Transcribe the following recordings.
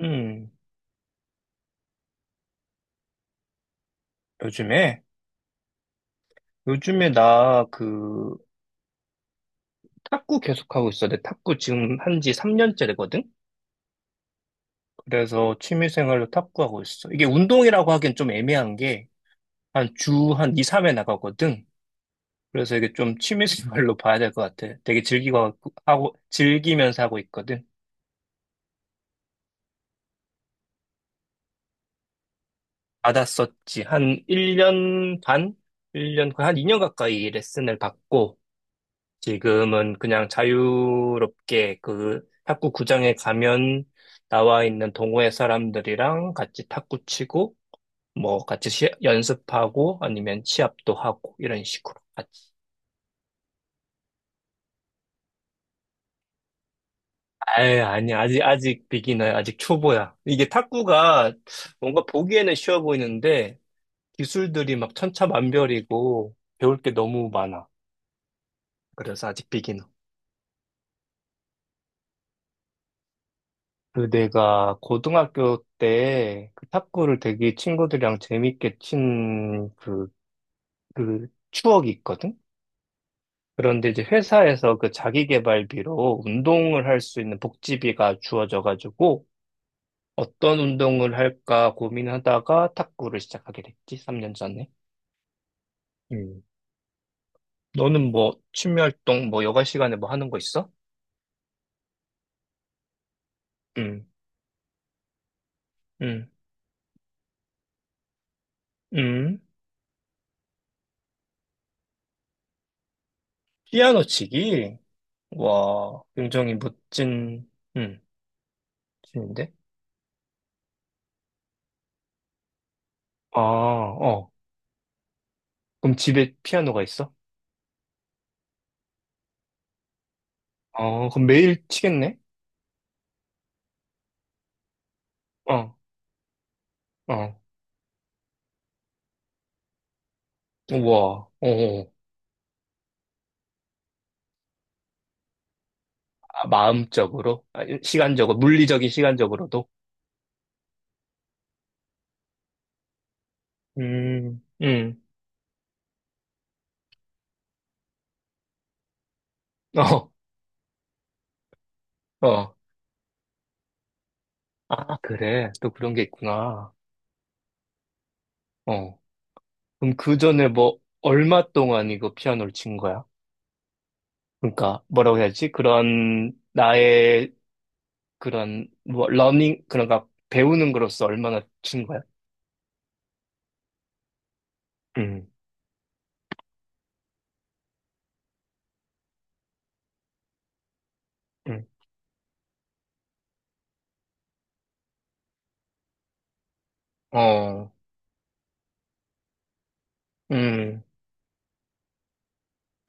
음, 요즘에? 요즘에 나 그 탁구 계속하고 있어. 내 탁구 지금 한 지 3년째 되거든? 그래서 취미생활로 탁구하고 있어. 이게 운동이라고 하기엔 좀 애매한 게 한 주 한 2, 3회 나가거든? 그래서 이게 좀 취미생활로 봐야 될 것 같아. 되게 즐기고 하고, 즐기면서 하고 있거든? 받았었지. 한 1년 반? 1년 거의 한 2년 가까이 레슨을 받고 지금은 그냥 자유롭게 그 탁구 구장에 가면 나와 있는 동호회 사람들이랑 같이 탁구 치고 뭐 같이 시- 연습하고 아니면 시합도 하고 이런 식으로 같이. 아 아니, 아직 비기너야. 아직 초보야. 이게 탁구가 뭔가 보기에는 쉬워 보이는데 기술들이 막 천차만별이고 배울 게 너무 많아. 그래서 아직 비기너. 그 내가 고등학교 때 그 탁구를 되게 친구들이랑 재밌게 친 그, 그 추억이 있거든? 그런데 이제 회사에서 그 자기계발비로 운동을 할 수 있는 복지비가 주어져가지고 어떤 운동을 할까 고민하다가 탁구를 시작하게 됐지, 3년 전에. 음. 너는 뭐 취미 활동 뭐 여가 시간에 뭐 하는 거 있어? 음, 음, 음. 피아노 치기? 와, 굉장히 멋진, 음, 취미인데? 아, 어. 그럼 집에 피아노가 있어? 어, 그럼 매일 치겠네? 어, 어. 우와, 어, 어. 아, 마음적으로? 아, 시간적으로, 물리적인 시간적으로도? 음, 음, 어, 어. 아, 그래. 또 그런 게 있구나. 어. 그럼 그 전에 뭐, 얼마 동안 이거 피아노를 친 거야? 그러니까, 뭐라고 해야지? 그런, 나의, 그런, 뭐, 러닝, 그런가, 배우는 거로서 얼마나 친 거야? 음, 음, 어, 음.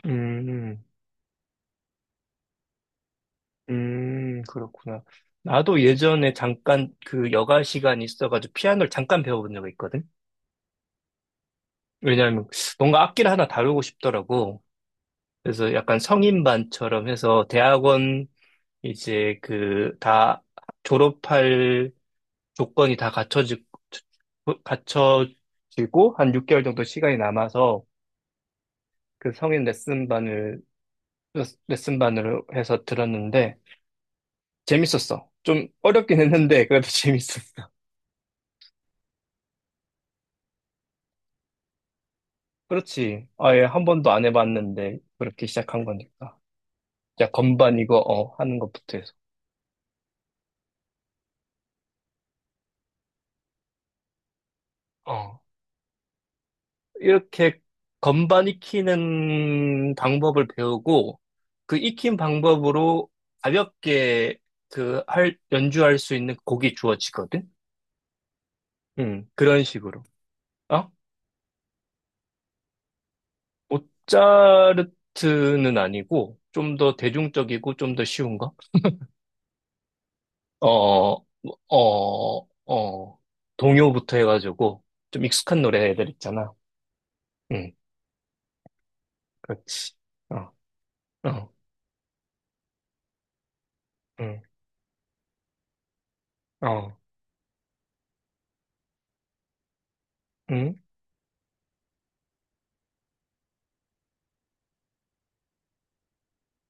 음, 그렇구나. 나도 예전에 잠깐 그 여가 시간이 있어가지고 피아노를 잠깐 배워본 적이 있거든? 왜냐하면 뭔가 악기를 하나 다루고 싶더라고. 그래서 약간 성인반처럼 해서 대학원 이제 그 다 졸업할 조건이 다 갖춰지, 갖춰지고 한 6개월 정도 시간이 남아서 그 성인 레슨반을, 레슨반으로 해서 들었는데 재밌었어. 좀 어렵긴 했는데 그래도 재밌었어. 그렇지. 아예 한 번도 안 해봤는데 그렇게 시작한 거니까. 자, 건반 이거 어 하는 것부터 해서. 어. 이렇게 건반 익히는 방법을 배우고 그 익힌 방법으로 가볍게 그 할 연주할 수 있는 곡이 주어지거든. 그런 식으로. 어? 모차르트는 아니고 좀 더 대중적이고 좀 더 쉬운 거? 어, 어, 어, 어, 동요부터 해가지고, 좀 익숙한 노래들 있잖아. 응, 그렇지. 어, 어, 응, 어, 응,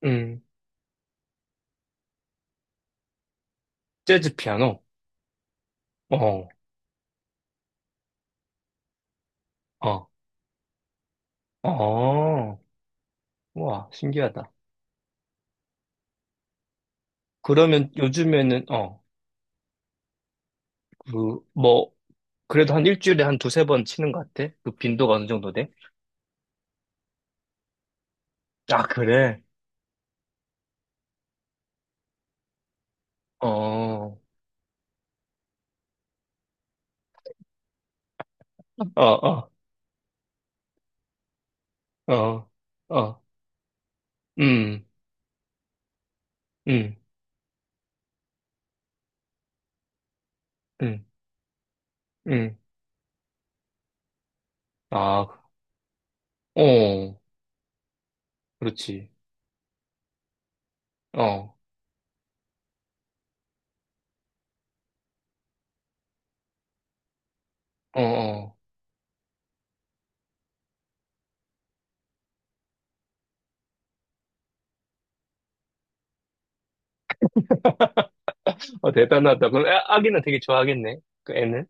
응. 재즈 피아노. 어, 어, 어. 와, 신기하다. 그러면 요즘에는, 어, 그, 뭐, 그래도 한 일주일에 한 두세 번 치는 것 같아? 그 빈도가 어느 정도 돼? 아, 그래? 어, 어, 어, 어, 어, 음, 음, 음, 음. 아, 그, 어. 그렇지. 어, 어, 어. 어, 대단하다. 그럼 애- 아기는 되게 좋아하겠네. 그 애는.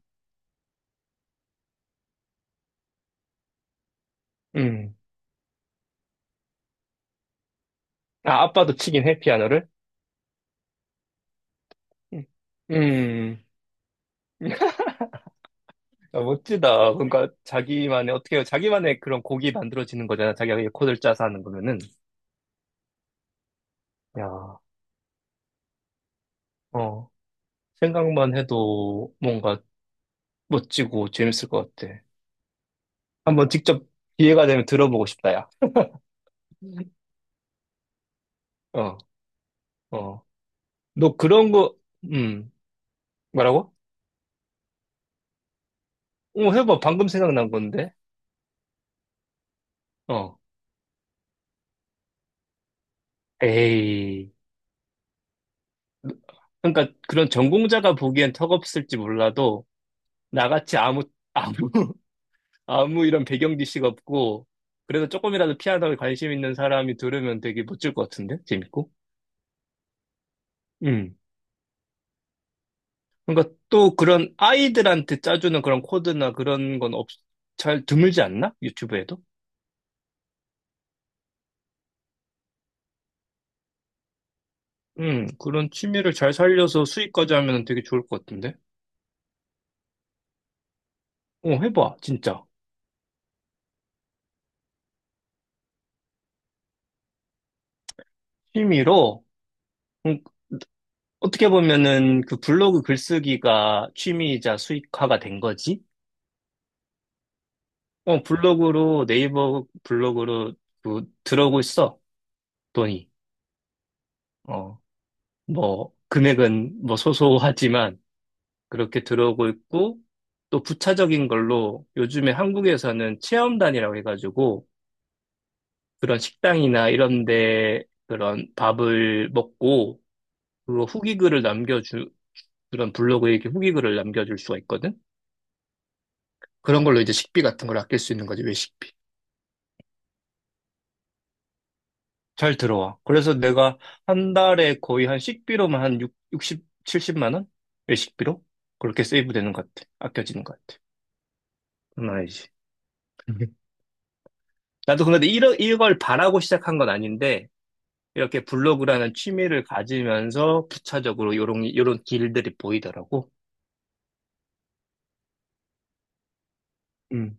음. 아, 아빠도 치긴 해, 피아노를. 음. 음. 아, 멋지다. 그러니까 자기만의 어떻게 해요? 자기만의 그런 곡이 만들어지는 거잖아. 자기가 그냥 코드를 짜서 하는 거면은. 야, 어. 생각만 해도 뭔가 멋지고 재밌을 것 같아. 한번 직접 기회가 되면 들어보고 싶다, 야. 어, 어. 너 그런 거, 음, 뭐라고? 어, 해봐. 방금 생각난 건데. 어. 에이. 그러니까 그런 전공자가 보기엔 턱없을지 몰라도 나같이 아무 아무 아무 이런 배경 지식 없고 그래도 조금이라도 피아노에 관심 있는 사람이 들으면 되게 멋질 것 같은데 재밌고. 음. 그러니까 또 그런 아이들한테 짜주는 그런 코드나 그런 건 없, 잘 드물지 않나? 유튜브에도? 음. 그런 취미를 잘 살려서 수익까지 하면 되게 좋을 것 같은데. 어, 해봐, 진짜. 취미로. 어떻게 보면은 그 블로그 글쓰기가 취미이자 수익화가 된 거지? 어, 블로그로, 네이버 블로그로 그 들어오고 있어, 돈이. 어, 뭐, 금액은 뭐 소소하지만 그렇게 들어오고 있고, 또 부차적인 걸로 요즘에 한국에서는 체험단이라고 해가지고 그런 식당이나 이런 데 그런 밥을 먹고 그거 후기글을 남겨주, 그런 블로그에 이렇게 후기글을 남겨줄 수가 있거든? 그런 걸로 이제 식비 같은 걸 아낄 수 있는 거지, 외식비. 잘 들어와. 그래서 내가 한 달에 거의 한 식비로만 한 6, 60, 70만 원? 외식비로? 그렇게 세이브 되는 것 같아. 아껴지는 것 같아. 장난 아니지. 이걸 바라고 시작한 건 아닌데, 이렇게 블로그라는 취미를 가지면서 부차적으로 요런 길들이 보이더라고. 음.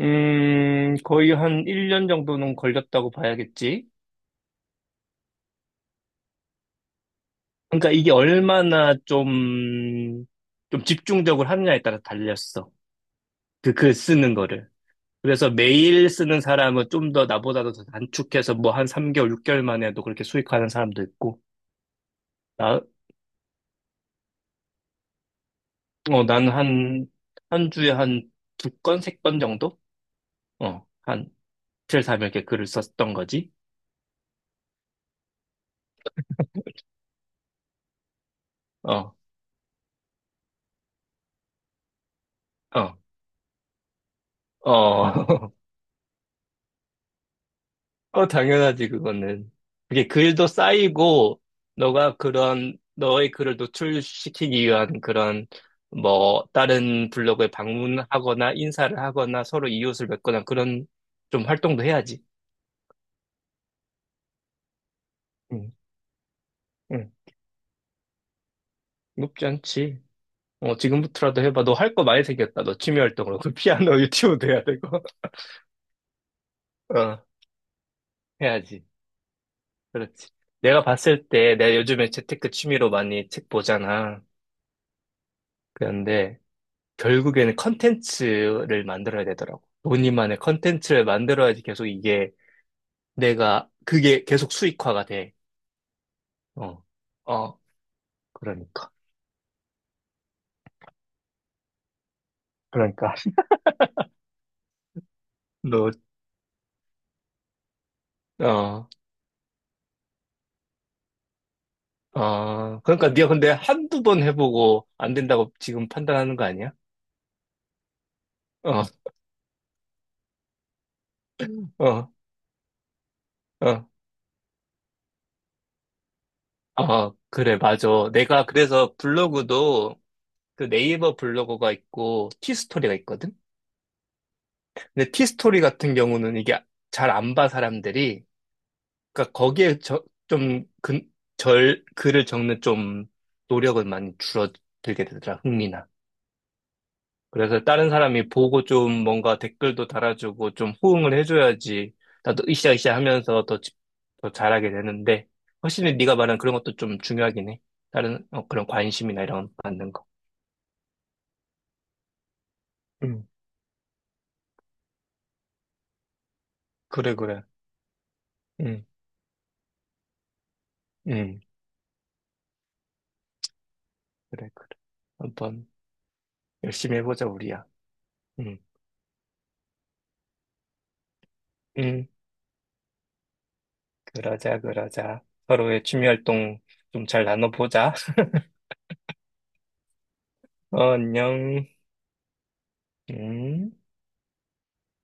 거의 한 1년 정도는 걸렸다고 봐야겠지. 그러니까 이게 얼마나 좀, 좀 집중적으로 하느냐에 따라 달렸어. 그 글 쓰는 거를. 그래서 매일 쓰는 사람은 좀 더 나보다도 더 단축해서 뭐 한 3개월, 6개월 만에도 그렇게 수익하는 사람도 있고, 나, 난는 한 주에 한 두 건, 세 건 정도? 어, 한 이틀, 3일 이렇게 글을 썼던 거지. 어, 어, 어, 어, 당연하지, 그거는. 그게 글도 쌓이고, 너가 그런, 너의 글을 노출시키기 위한 그런, 뭐, 다른 블로그에 방문하거나 인사를 하거나 서로 이웃을 뵙거나 그런 좀 활동도 해야지. 응, 응. 높지 않지. 어, 지금부터라도 해봐. 너 할 거 많이 생겼다. 너 취미 활동으로. 그 피아노 유튜브도 해야 되고. 어, 해야지. 그렇지. 내가 봤을 때, 내가 요즘에 재테크 취미로 많이 책 보잖아. 그런데, 결국에는 컨텐츠를 만들어야 되더라고. 본인만의 컨텐츠를 만들어야지 계속 이게, 내가, 그게 계속 수익화가 돼. 어, 어, 그러니까. 그러니까. 너, 어, 어, 그러니까 네가 근데 한두 번 해보고 안 된다고 지금 판단하는 거 아니야? 어, 어, 어, 어, 그래, 맞아. 내가 그래서 블로그도 그 네이버 블로거가 있고 티스토리가 있거든? 근데 티스토리 같은 경우는 이게 잘 안 봐, 사람들이. 그러니까 거기에 저, 좀 글을 적는 좀 노력은 많이 줄어들게 되더라, 흥미나. 그래서 다른 사람이 보고 좀 뭔가 댓글도 달아주고 좀 호응을 해줘야지 나도 으쌰으쌰 하면서 더 잘하게 되는데 훨씬 네가 말한 그런 것도 좀 중요하긴 해. 다른 어, 그런 관심이나 이런 거 받는 거. 음, 그래 그래. 음, 음, 그래 그래. 한번 열심히 해보자 우리야. 음, 음, 그러자 그러자. 서로의 취미 활동 좀 잘 나눠보자. 어, 안녕. 음.